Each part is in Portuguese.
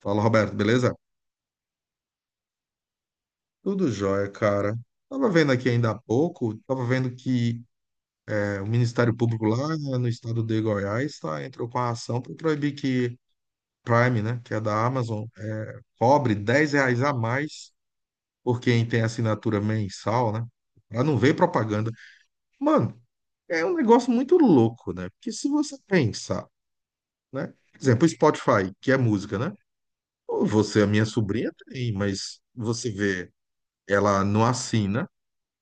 Fala, Roberto, beleza? Tudo jóia, cara. Tava vendo aqui ainda há pouco, tava vendo que o Ministério Público lá, né, no estado de Goiás, tá, entrou com a ação para proibir que Prime, né, que é da Amazon, cobre R$ 10 a mais por quem tem assinatura mensal, né? Pra não ver propaganda. Mano, é um negócio muito louco, né? Porque se você pensar, né? Por exemplo, o Spotify, que é música, né? Você, a minha sobrinha, tem, mas você vê, ela não assina.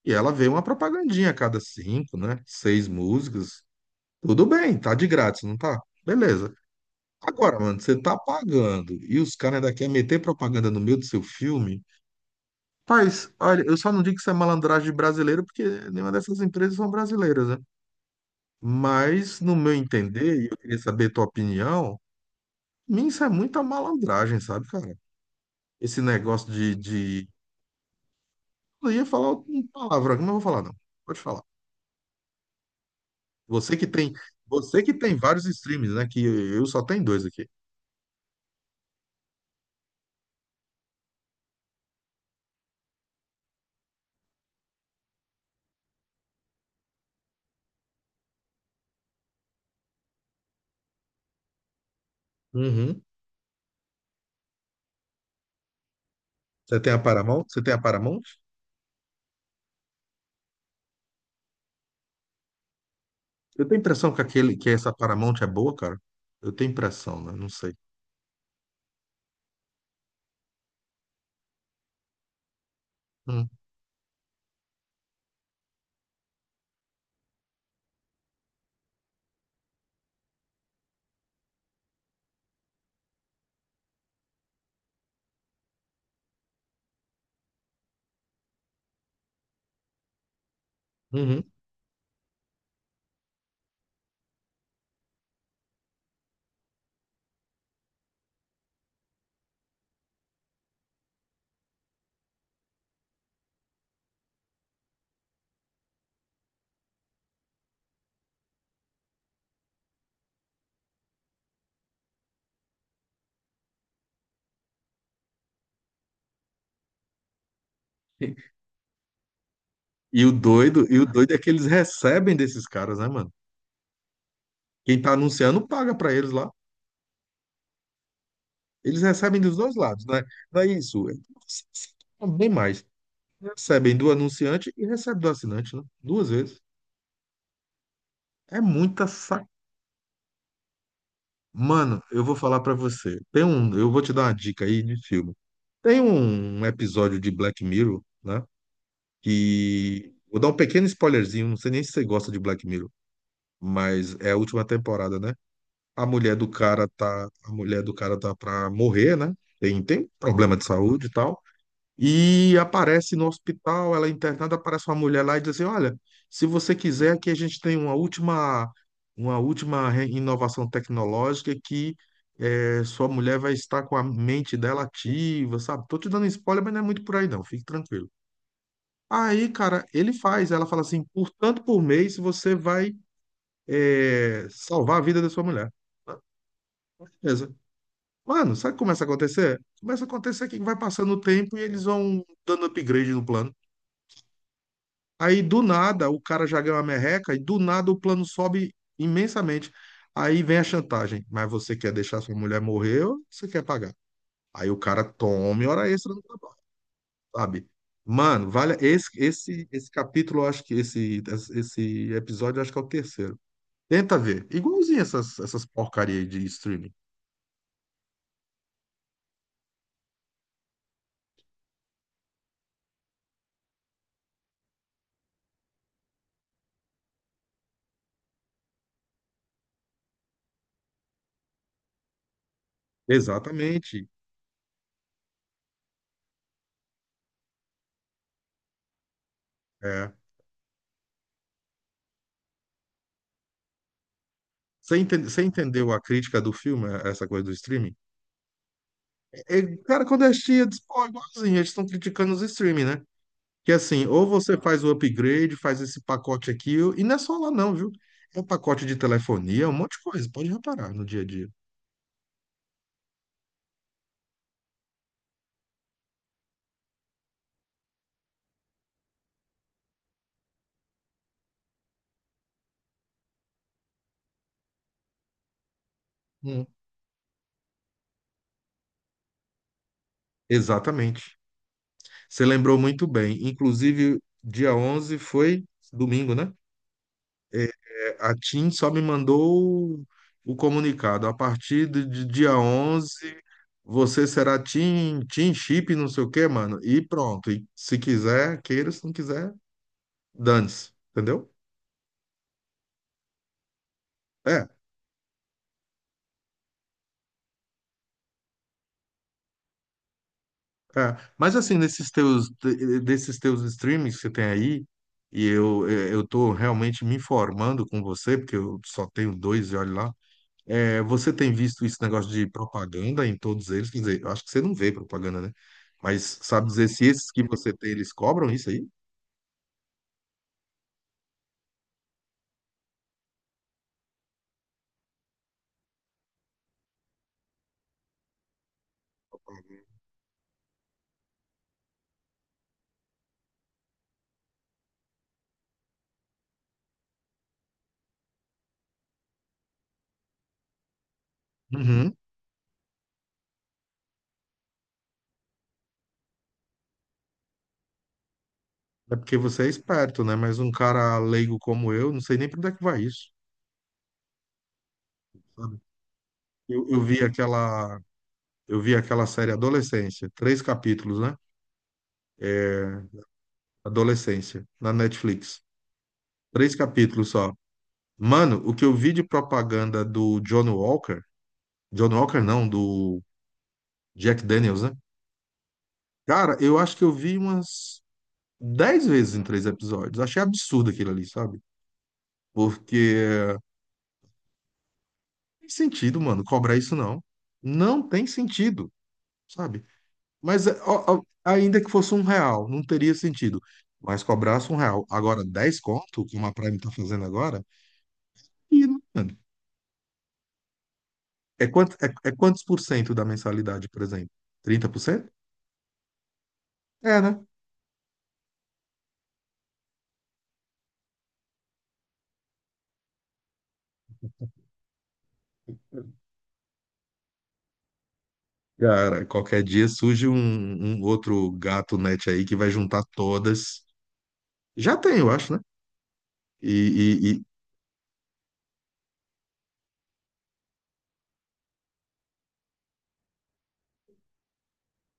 E ela vê uma propagandinha a cada cinco, né? Seis músicas. Tudo bem, tá de grátis, não tá? Beleza. Agora, mano, você tá pagando e os caras ainda querem meter propaganda no meio do seu filme. Paz, olha, eu só não digo que isso é malandragem brasileira, porque nenhuma dessas empresas são brasileiras, né? Mas, no meu entender, e eu queria saber a tua opinião, mim isso é muita malandragem, sabe, cara? Esse negócio de. Eu ia falar uma palavra, mas não vou falar, não. Pode falar. Você que tem, Você que tem vários streams, né? Que eu só tenho dois aqui. Uhum. Você tem a Paramount? Você tem a Paramount? Eu tenho impressão que essa Paramount é boa, cara. Eu tenho impressão, né? Não sei. Hum. Uhum. E o doido é que eles recebem desses caras, né, mano? Quem tá anunciando paga pra eles lá. Eles recebem dos dois lados, né? Não é isso. Bem mais. Recebem do anunciante e recebem do assinante, né? Duas vezes. É muita. Mano, eu vou falar pra você. Eu vou te dar uma dica aí de filme. Tem um episódio de Black Mirror, né? Que vou dar um pequeno spoilerzinho, não sei nem se você gosta de Black Mirror, mas é a última temporada, né? A mulher do cara tá pra morrer, né? Tem problema de saúde e tal. E aparece no hospital, ela é internada, aparece uma mulher lá e diz assim: Olha, se você quiser, aqui a gente tem uma última inovação tecnológica que sua mulher vai estar com a mente dela ativa, sabe? Tô te dando spoiler, mas não é muito por aí, não, fique tranquilo. Aí, cara, ele faz, ela fala assim: por tanto por mês você vai salvar a vida da sua mulher. Ah, beleza. Mano, sabe o que começa a acontecer? Começa a acontecer que vai passando o tempo e eles vão dando upgrade no plano. Aí do nada o cara já ganhou a merreca e do nada o plano sobe imensamente. Aí vem a chantagem. Mas você quer deixar sua mulher morrer ou você quer pagar? Aí o cara tome hora extra no trabalho, sabe? Mano, vale esse capítulo, eu acho que esse episódio, eu acho que é o terceiro. Tenta ver. Igualzinho essas porcaria aí de streaming. Exatamente. É. Você entendeu a crítica do filme, essa coisa do streaming? Cara, quando assistia, eu disse, pô, igualzinho, eles estão criticando os streaming, né? Que assim, ou você faz o upgrade, faz esse pacote aqui, e não é só lá não, viu? É um pacote de telefonia, um monte de coisa, pode reparar no dia a dia. Hum. Exatamente. Você lembrou muito bem. Inclusive, dia 11 foi domingo, né? É, a TIM só me mandou o comunicado. A partir de dia 11 você será TIM Chip, não sei o quê, mano. E pronto. E se quiser, queira, se não quiser, dane-se. Entendeu? É. É, mas assim, desses teus streamings que você tem aí, e eu tô realmente me informando com você, porque eu só tenho dois e olha lá, você tem visto esse negócio de propaganda em todos eles? Quer dizer, eu acho que você não vê propaganda, né? Mas sabe dizer se esses que você tem, eles cobram isso aí? Uhum. É porque você é esperto, né? Mas um cara leigo como eu, não sei nem para onde é que vai isso, sabe? Eu, eu vi aquela, eu vi aquela série Adolescência, três capítulos, né? Adolescência, na Netflix. Três capítulos só. Mano, o que eu vi de propaganda do John Walker, John Walker não, do Jack Daniels, né? Cara, eu acho que eu vi umas 10 vezes em três episódios. Achei absurdo aquilo ali, sabe? Porque não tem sentido, mano, cobrar isso não. Não tem sentido, sabe? Mas é, ó, ó, ainda que fosse R$ 1, não teria sentido. Mas cobrasse R$ 1. Agora, 10 conto, como a Prime tá fazendo agora, e, mano, quantos por cento da mensalidade, por exemplo? 30%. É, né? Cara, qualquer dia surge um outro gato net aí que vai juntar todas. Já tem, eu acho, né? E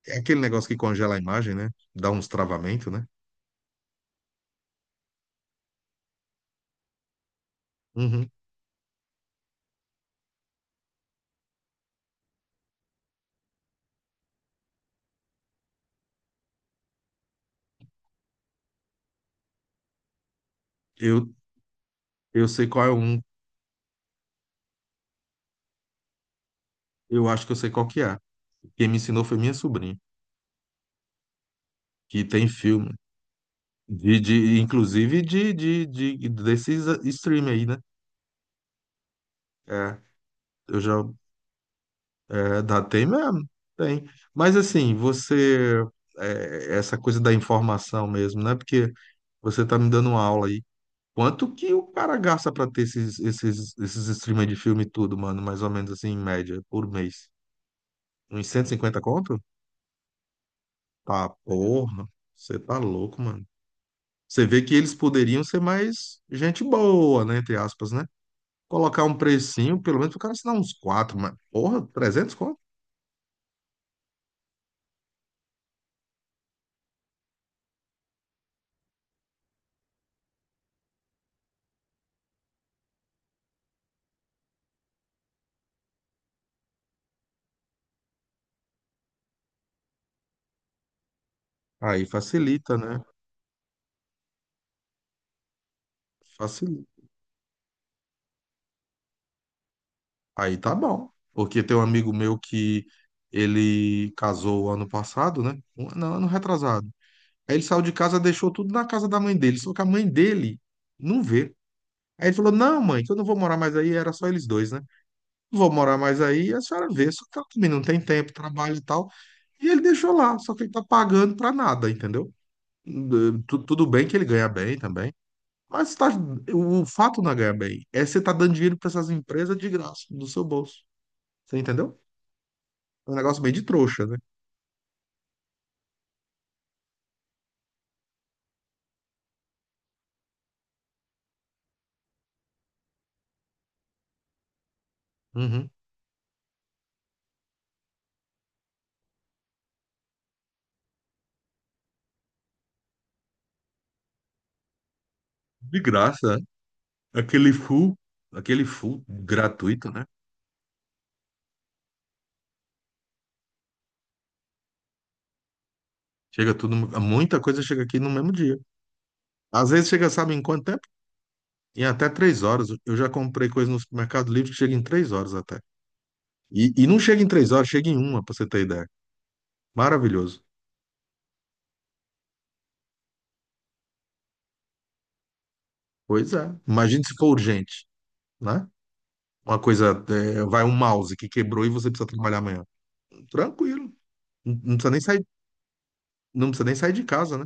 é aquele negócio que congela a imagem, né? Dá uns travamentos, né? Uhum. Eu, eu sei qual é um, eu acho que eu sei qual que é. Quem me ensinou foi minha sobrinha, que tem filme, inclusive desses stream aí, né? É, eu já É, dá, tem mesmo, tem. Mas assim, você, é, essa coisa da informação mesmo, né? Porque você tá me dando uma aula aí. Quanto que o cara gasta pra ter esses streamers de filme e tudo, mano? Mais ou menos assim, em média, por mês. Uns 150 conto? Tá, porra. Você tá louco, mano. Você vê que eles poderiam ser mais gente boa, né? Entre aspas, né? Colocar um precinho, pelo menos o cara assinar uns quatro, mas, porra, 300 conto? Aí facilita, né? Facilita. Aí tá bom. Porque tem um amigo meu que ele casou ano passado, né? Não, ano retrasado. Aí ele saiu de casa, deixou tudo na casa da mãe dele, só que a mãe dele não vê. Aí ele falou: Não, mãe, que eu não vou morar mais aí, era só eles dois, né? Não vou morar mais aí, a senhora vê, só que ela também não tem tempo, trabalho e tal. E ele deixou lá, só que ele tá pagando pra nada, entendeu? Hum, Tudo bem que ele ganha bem também, mas tá, o fato não é ganhar bem, é você tá dando dinheiro pra essas empresas de graça, do seu bolso. Você entendeu? É um negócio meio de trouxa, né? Uhum. De graça, né? Aquele full, aquele full gratuito, né? Chega tudo, muita coisa chega aqui no mesmo dia. Às vezes chega, sabe, em quanto tempo? Em até 3 horas. Eu já comprei coisa no Mercado Livre que chega em 3 horas até. E não chega em 3 horas, chega em uma, pra você ter ideia. Maravilhoso. Pois é. Imagine se for urgente, né? Uma coisa, é, vai um mouse que quebrou e você precisa trabalhar amanhã. Tranquilo. Não não precisa nem sair, não precisa nem sair de casa, né?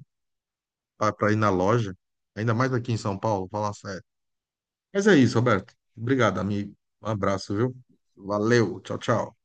Para ir na loja, ainda mais aqui em São Paulo, falar sério. Mas é isso, Roberto. Obrigado, amigo. Um abraço, viu? Valeu, tchau, tchau.